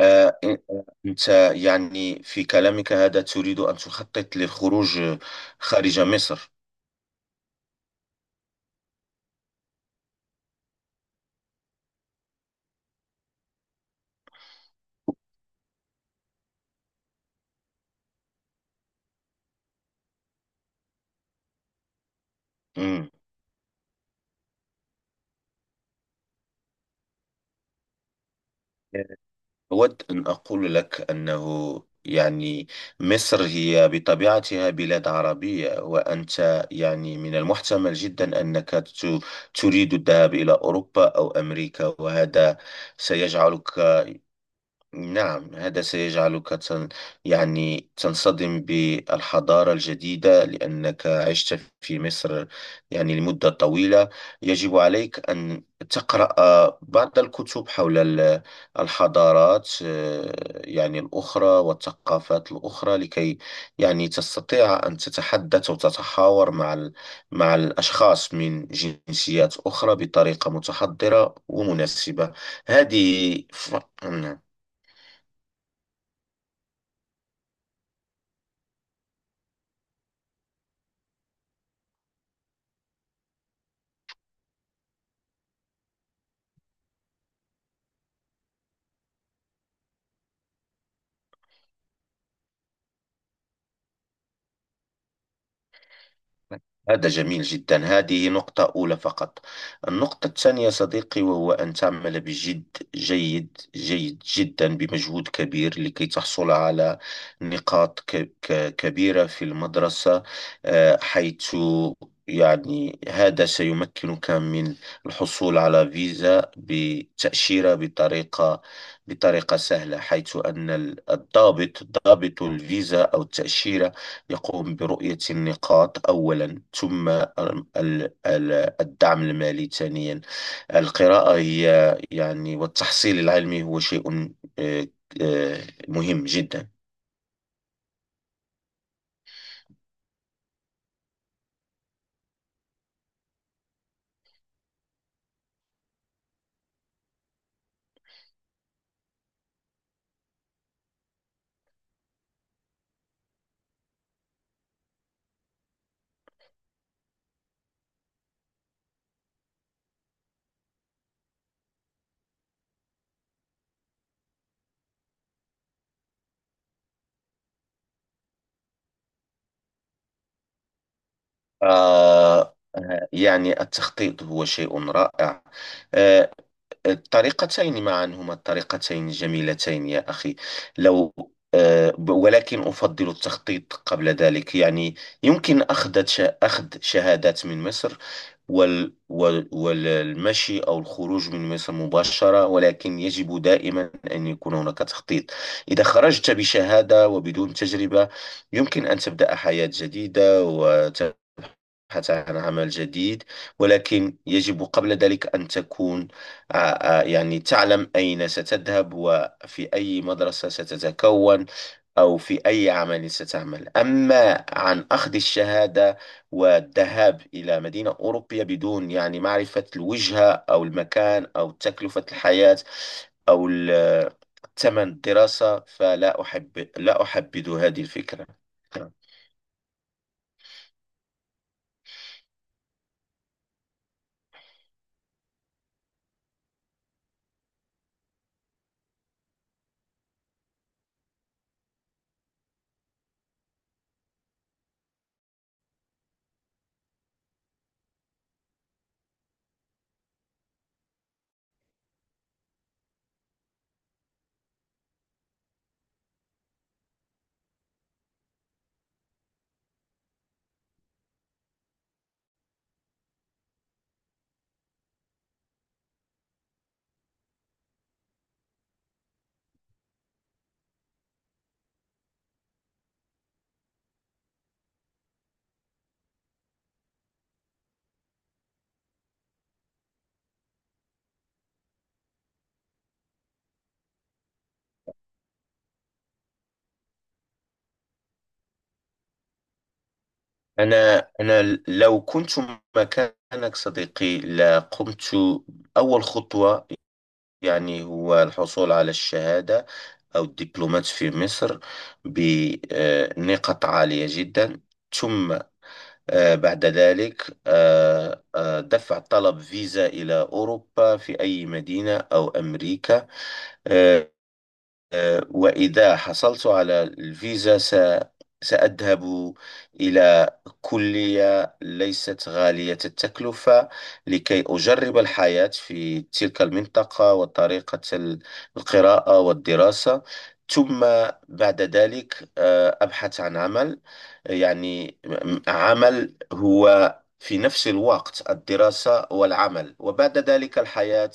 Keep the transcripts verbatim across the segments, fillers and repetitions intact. آه، آه، أنت يعني في كلامك هذا تريد أن تخطط للخروج خارج مصر. مم. أود أن أقول لك أنه يعني مصر هي بطبيعتها بلاد عربية، وأنت يعني من المحتمل جدا أنك ت- تريد الذهاب إلى أوروبا أو أمريكا، وهذا سيجعلك، نعم، هذا سيجعلك تن يعني تنصدم بالحضارة الجديدة لأنك عشت في مصر يعني لمدة طويلة. يجب عليك أن تقرأ بعض الكتب حول ال- الحضارات، آه، يعني الأخرى والثقافات الأخرى، لكي يعني تستطيع أن تتحدث وتتحاور مع ال- مع الأشخاص من جنسيات أخرى بطريقة متحضرة ومناسبة. هذه ف... نعم، هذا جميل جدا. هذه نقطة أولى فقط. النقطة الثانية صديقي وهو أن تعمل بجد، جيد جيد جدا، بمجهود كبير لكي تحصل على نقاط ك- ك- كبيرة في المدرسة. آه، حيث يعني هذا سيمكنك من الحصول على فيزا بتأشيرة بطريقة بطريقة سهلة، حيث أن ال- الضابط، ضابط الفيزا أو التأشيرة، يقوم برؤية النقاط أولا، ثم ال- ال- الدعم المالي ثانيا. القراءة هي يعني والتحصيل العلمي هو شيء آه، آه، مهم جدا. آه، يعني التخطيط هو شيء رائع. آه الطريقتين معا هما الطريقتين الجميلتين يا أخي. لو آه، ب- ولكن أفضل التخطيط قبل ذلك يعني. يمكن أخذ ش- أخذ شهادات من مصر وال وال- والمشي أو الخروج من مصر مباشرة، ولكن يجب دائما أن يكون هناك تخطيط. إذا خرجت بشهادة وبدون تجربة يمكن أن تبدأ حياة جديدة وت البحث عن عمل جديد، ولكن يجب قبل ذلك أن تكون آه، آه، يعني تعلم أين ستذهب وفي أي مدرسة ستتكون أو في أي عمل ستعمل. أما عن أخذ الشهادة والذهاب إلى مدينة أوروبية بدون يعني معرفة الوجهة أو المكان أو تكلفة الحياة أو ال- ثمن الدراسة، فلا أحب لا أحبذ هذه الفكرة. نعم. أنا أنا لو كنت مكانك صديقي لقمت. أول خطوة يعني هو الحصول على الشهادة أو الدبلومات في مصر بنقاط عالية جدا. ثم آه، بعد ذلك آه، آه، دفع طلب فيزا إلى أوروبا في أي مدينة أو أمريكا. آه، آه، وإذا حصلت على الفيزا س- سأذهب إلى كلية ليست غالية التكلفة لكي أجرب الحياة في تلك المنطقة وطريقة ال- القراءة والدراسة. ثم بعد ذلك آه، أبحث عن عمل، يعني م- عمل هو في نفس الوقت الدراسة والعمل، وبعد ذلك الحياة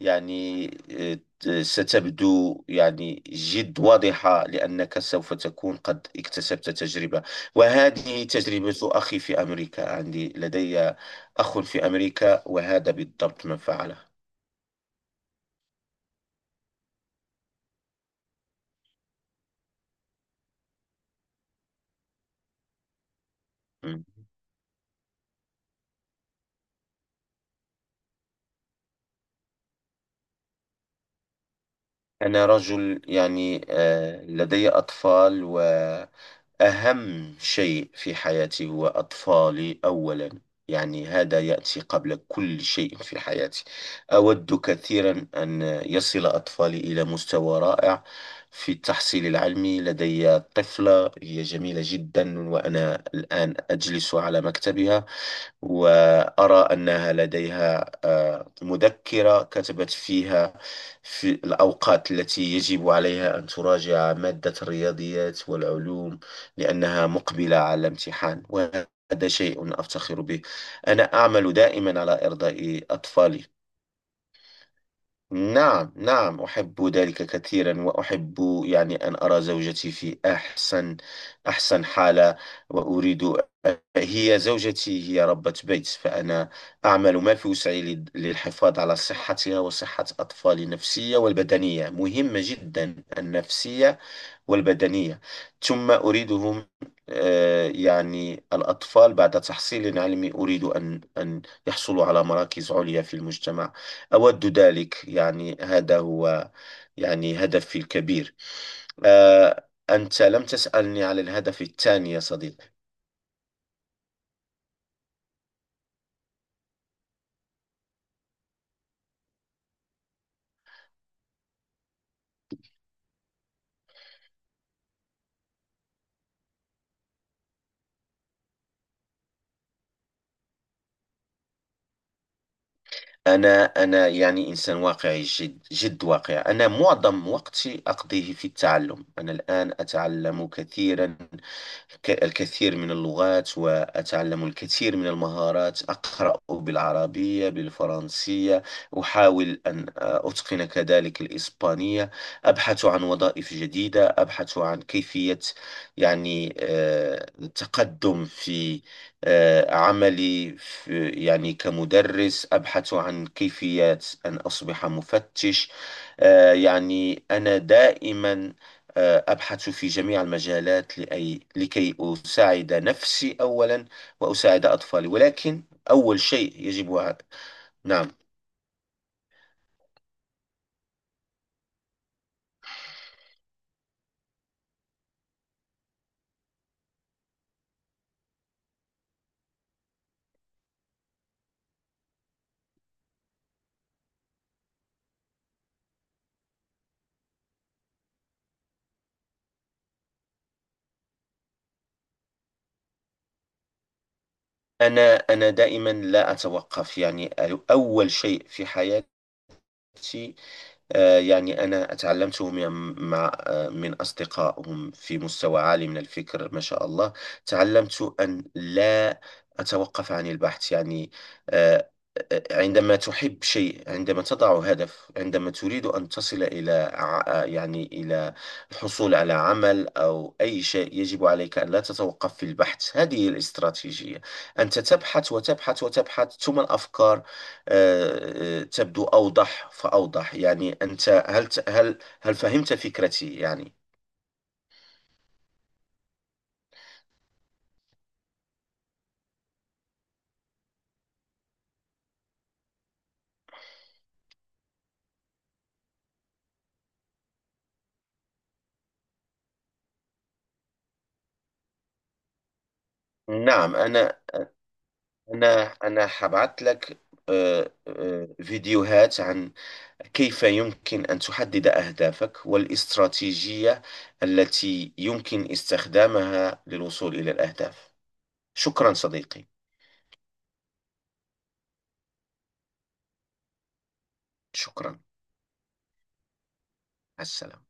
يعني آه، ستبدو يعني جد واضحة لأنك سوف تكون قد اكتسبت تجربة. وهذه تجربة أخي، في أمريكا عندي، لدي أخ في أمريكا، وهذا بالضبط ما فعله. أنا رجل يعني آه، لدي أطفال، و أهم شيء في حياتي هو أطفالي أولا، يعني هذا يأتي قبل كل شيء في حياتي. أود كثيرا أن يصل أطفالي إلى مستوى رائع في التحصيل العلمي. لدي طفلة هي جميلة جدا، وأنا الآن أجلس على مكتبها وأرى أنها لديها آه، مذكرة كتبت فيها في الأوقات التي يجب عليها أن تراجع مادة الرياضيات والعلوم لأنها مقبلة على الامتحان، وهذا شيء أفتخر به. أنا أعمل دائما على إرضاء أطفالي. نعم، نعم، أحب ذلك كثيرا، وأحب يعني أن أرى زوجتي في أحسن أحسن حالة، وأريد. هي زوجتي هي ربة بيت، فأنا أعمل ما في وسعي لل- للحفاظ على صحتها وصحة أطفالي النفسية والبدنية، مهمة جدا النفسية والبدنية. ثم أريدهم آه، يعني الأطفال بعد تحصيل علمي أريد أن أن يحصلوا على مراكز عليا في المجتمع. أود ذلك، يعني هذا هو يعني هدفي الكبير. آه، أنت لم تسألني على الهدف الثاني يا صديقي. أنا أنا يعني إنسان واقعي، جد جد واقعي. أنا معظم وقتي أقضيه في التعلم. أنا الآن أتعلم كثيرا، ك- الكثير من اللغات، وأتعلم الكثير من المهارات. أقرأ بالعربية، بالفرنسية، أحاول أن آه، أتقن كذلك الإسبانية. أبحث عن وظائف جديدة، أبحث عن كيفية يعني آه، التقدم في آه، عملي في يعني كمدرس. أبحث عن كيفية أن أصبح مفتش. آه، يعني أنا دائما أبحث في جميع المجالات لأي لكي أساعد نفسي أولا وأساعد أطفالي، ولكن أول شيء يجب ع- نعم. أنا أنا دائما لا أتوقف يعني. أول شيء في حياتي آه، يعني أنا تعلمت من- مع آه، من أصدقائهم في مستوى عالي من الفكر، ما شاء الله. تعلمت أن لا أتوقف عن البحث يعني. آه، آه، عندما تحب شيء، عندما تضع هدف، عندما تريد أن تصل إلى ع- آه، يعني إلى الحصول على عمل أو أي شيء، يجب عليك أن لا تتوقف في البحث. هذه هي الاستراتيجية. أنت تبحث وتبحث وتبحث، ثم الأفكار آه، آه، تبدو أوضح فأوضح، يعني. أنت هل هل هل فهمت فكرتي يعني؟ نعم. أنا أنا أنا حبعت لك آه، آه، فيديوهات عن كيف يمكن أن تحدد أهدافك والاستراتيجية التي يمكن استخدامها للوصول إلى الأهداف. شكرا صديقي. شكرا، مع السلامة.